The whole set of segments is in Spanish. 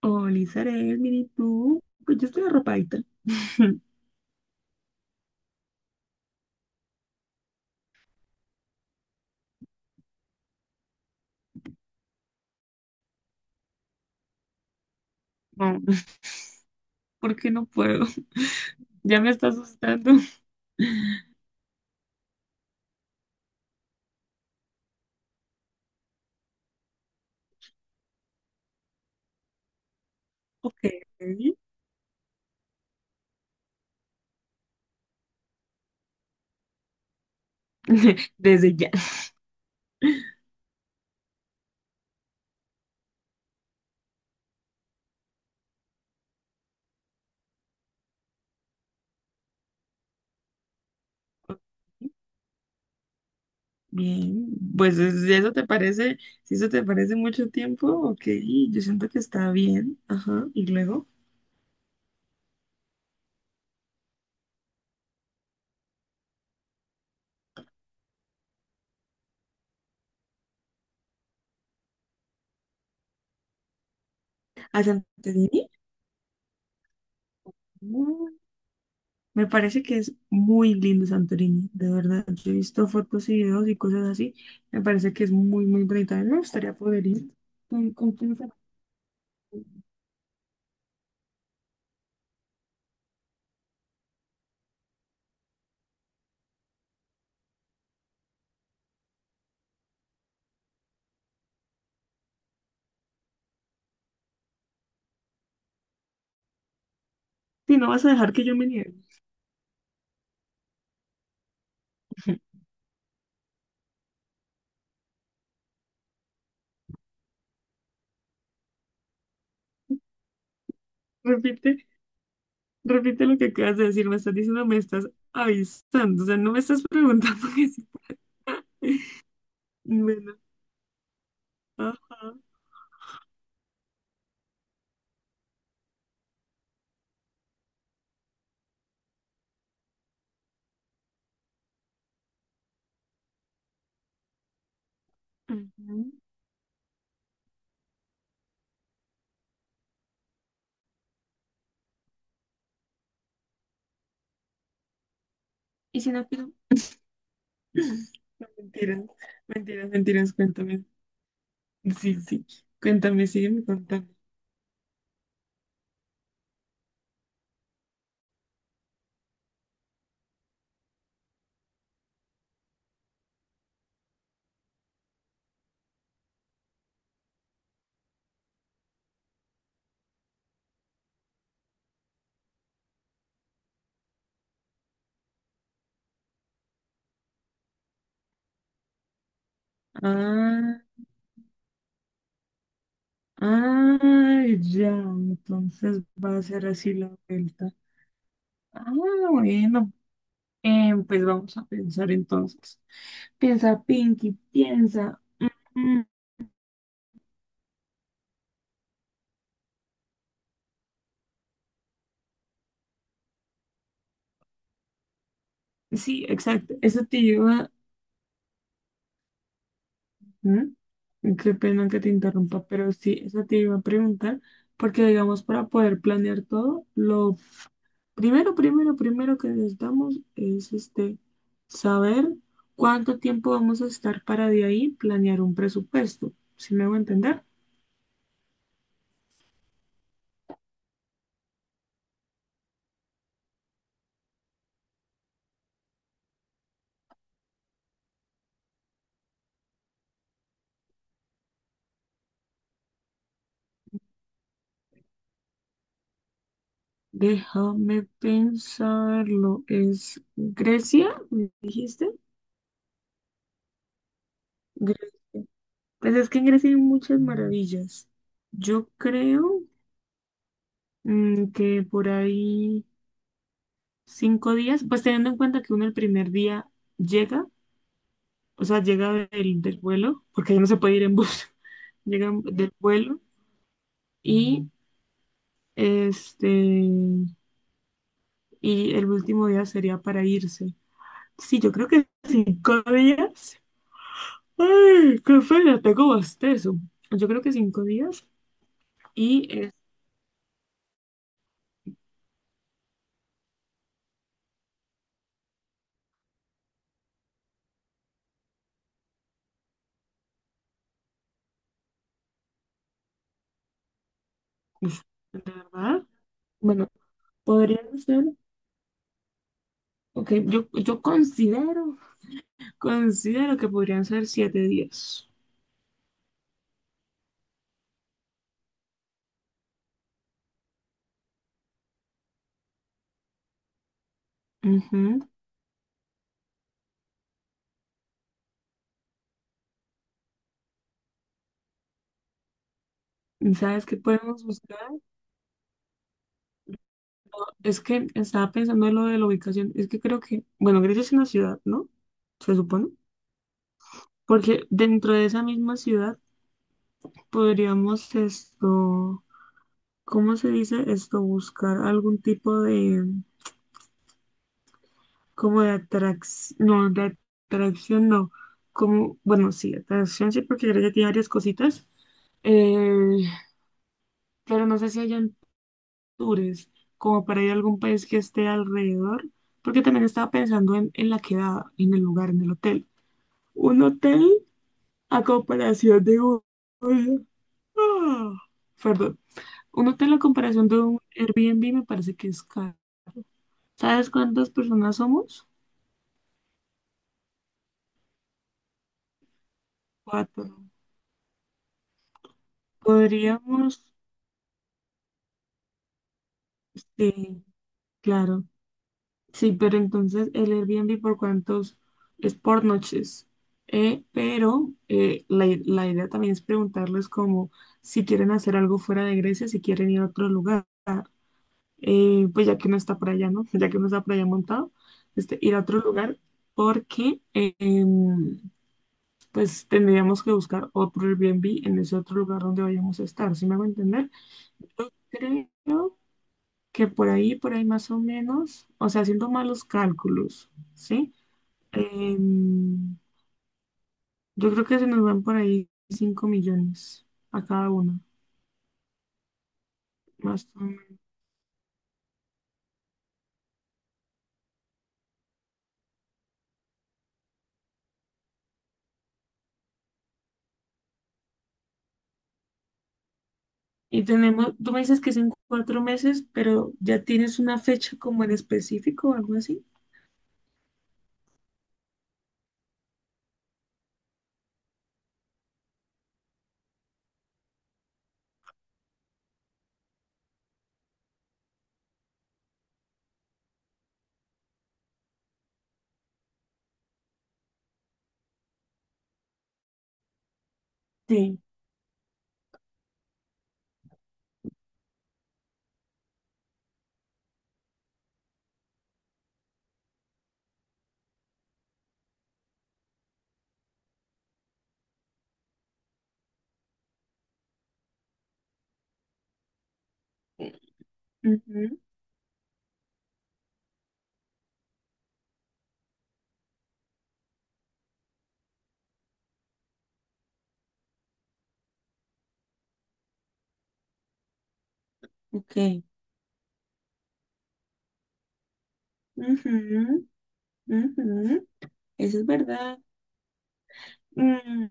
Hola, Isabel, ¿y tú? Pues yo estoy arropadita. No, ¿por qué no puedo? Ya me está asustando. Ok. Desde ya. Ok, bien, si eso te parece, si eso te parece mucho tiempo, ok, yo siento que está bien. Ajá. Y luego, ¿a Santorini? Mm. Me parece que es muy lindo Santorini, de verdad. Yo he visto fotos y videos y cosas así. Me parece que es muy, muy bonita. A mí me gustaría poder ir. ¿Con quién se va? Si no vas a dejar que yo me niegue. Repite, repite lo que acabas de decir. Me estás diciendo, me estás avisando. O sea, no me estás preguntando que sí. Bueno, ajá. Ujú. Y si no quiero. No, mentiras, mentiras, mentiras. Cuéntame. Sí, sí. Cuéntame, sígueme contando. Ah, ah, ya. Entonces va a ser así la vuelta. Ah, bueno. Pues vamos a pensar entonces. Piensa, Pinky, piensa. Sí, exacto. Eso te lleva. ¿Mm? Qué pena que te interrumpa, pero sí, eso te iba a preguntar, porque digamos, para poder planear todo, lo primero que necesitamos es saber cuánto tiempo vamos a estar para de ahí planear un presupuesto. ¿Sí me voy a entender? Déjame pensarlo. ¿Es Grecia? ¿Me dijiste? Grecia. Pues es que en Grecia hay muchas maravillas. Yo creo que por ahí 5 días, pues teniendo en cuenta que uno el primer día llega, o sea, llega del vuelo, porque ya no se puede ir en bus. Llega del vuelo y este, y el último día sería para irse. Sí, yo creo que 5 días. ¡Ay, qué feo! Tengo bostezo. Yo creo que cinco días y es, uf, de verdad, bueno, podrían ser, ok, yo considero considero que podrían ser 7 días. Ujú. ¿Sabes qué podemos buscar? Es que estaba pensando en lo de la ubicación. Es que creo que, bueno, Grecia es una ciudad, ¿no? Se supone. Porque dentro de esa misma ciudad podríamos esto, ¿cómo se dice esto? Buscar algún tipo de, como de atracción, no, de atracción no. Como, bueno, sí, atracción sí, porque Grecia tiene varias cositas. Eh, pero no sé si allá tours, como para ir a algún país que esté alrededor, porque también estaba pensando en la quedada, en el lugar, en el hotel. Un hotel a comparación de un... Ah, perdón. Un hotel a comparación de un Airbnb me parece que es caro. ¿Sabes cuántas personas somos? Cuatro. Podríamos, sí, claro. Sí, pero entonces el Airbnb por cuántos es por noches. La, la idea también es preguntarles como si quieren hacer algo fuera de Grecia, si quieren ir a otro lugar. Pues ya que no está por allá, ¿no? Ya que no está por allá montado, ir a otro lugar porque pues tendríamos que buscar otro Airbnb en ese otro lugar donde vayamos a estar, ¿sí me hago entender? Yo creo que por ahí más o menos, o sea, haciendo malos cálculos, ¿sí? Em, yo creo que se nos van por ahí 5 millones a cada uno, más o menos. Y tenemos, tú me dices que es en 4 meses, pero ¿ya tienes una fecha como en específico o algo así? Sí. Ujú, ok. Ujú, ujú. Eso es verdad. Mm,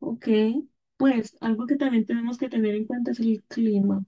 Ok, pues algo que también tenemos que tener en cuenta es el clima.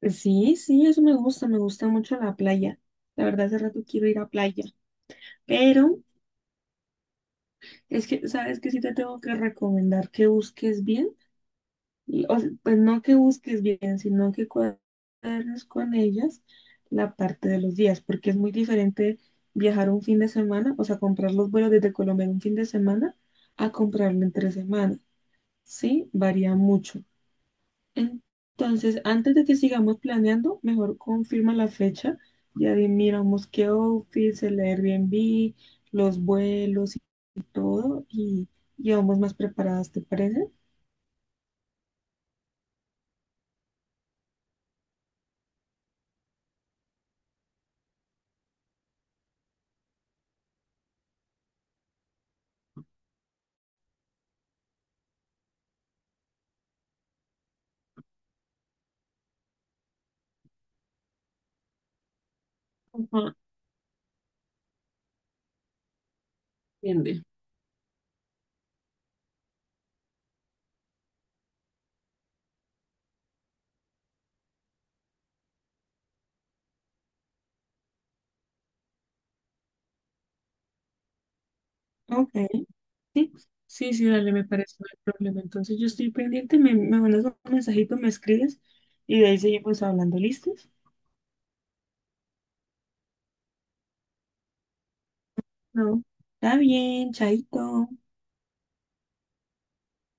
Ujú. Sí, sí, eso me gusta mucho la playa. La verdad, hace rato quiero ir a playa, pero es que, ¿sabes que sí? Te tengo que recomendar que busques bien. Y, o sea, pues no que busques bien, sino que cuadres con ellas la parte de los días, porque es muy diferente viajar un fin de semana, o sea, comprar los vuelos desde Colombia en un fin de semana a comprarlo en 3 semanas, ¿sí? Varía mucho. Entonces, antes de que sigamos planeando, mejor confirma la fecha, ya miramos qué office, el Airbnb, los vuelos y todo, y vamos más preparadas, ¿te parece? Ajá, entiende. Ok. Sí, sí, sí, dale, me parece no hay problema. Entonces yo estoy pendiente, me mandas un mensajito, me escribes y de ahí seguimos hablando, ¿listos? No, está bien, chaito.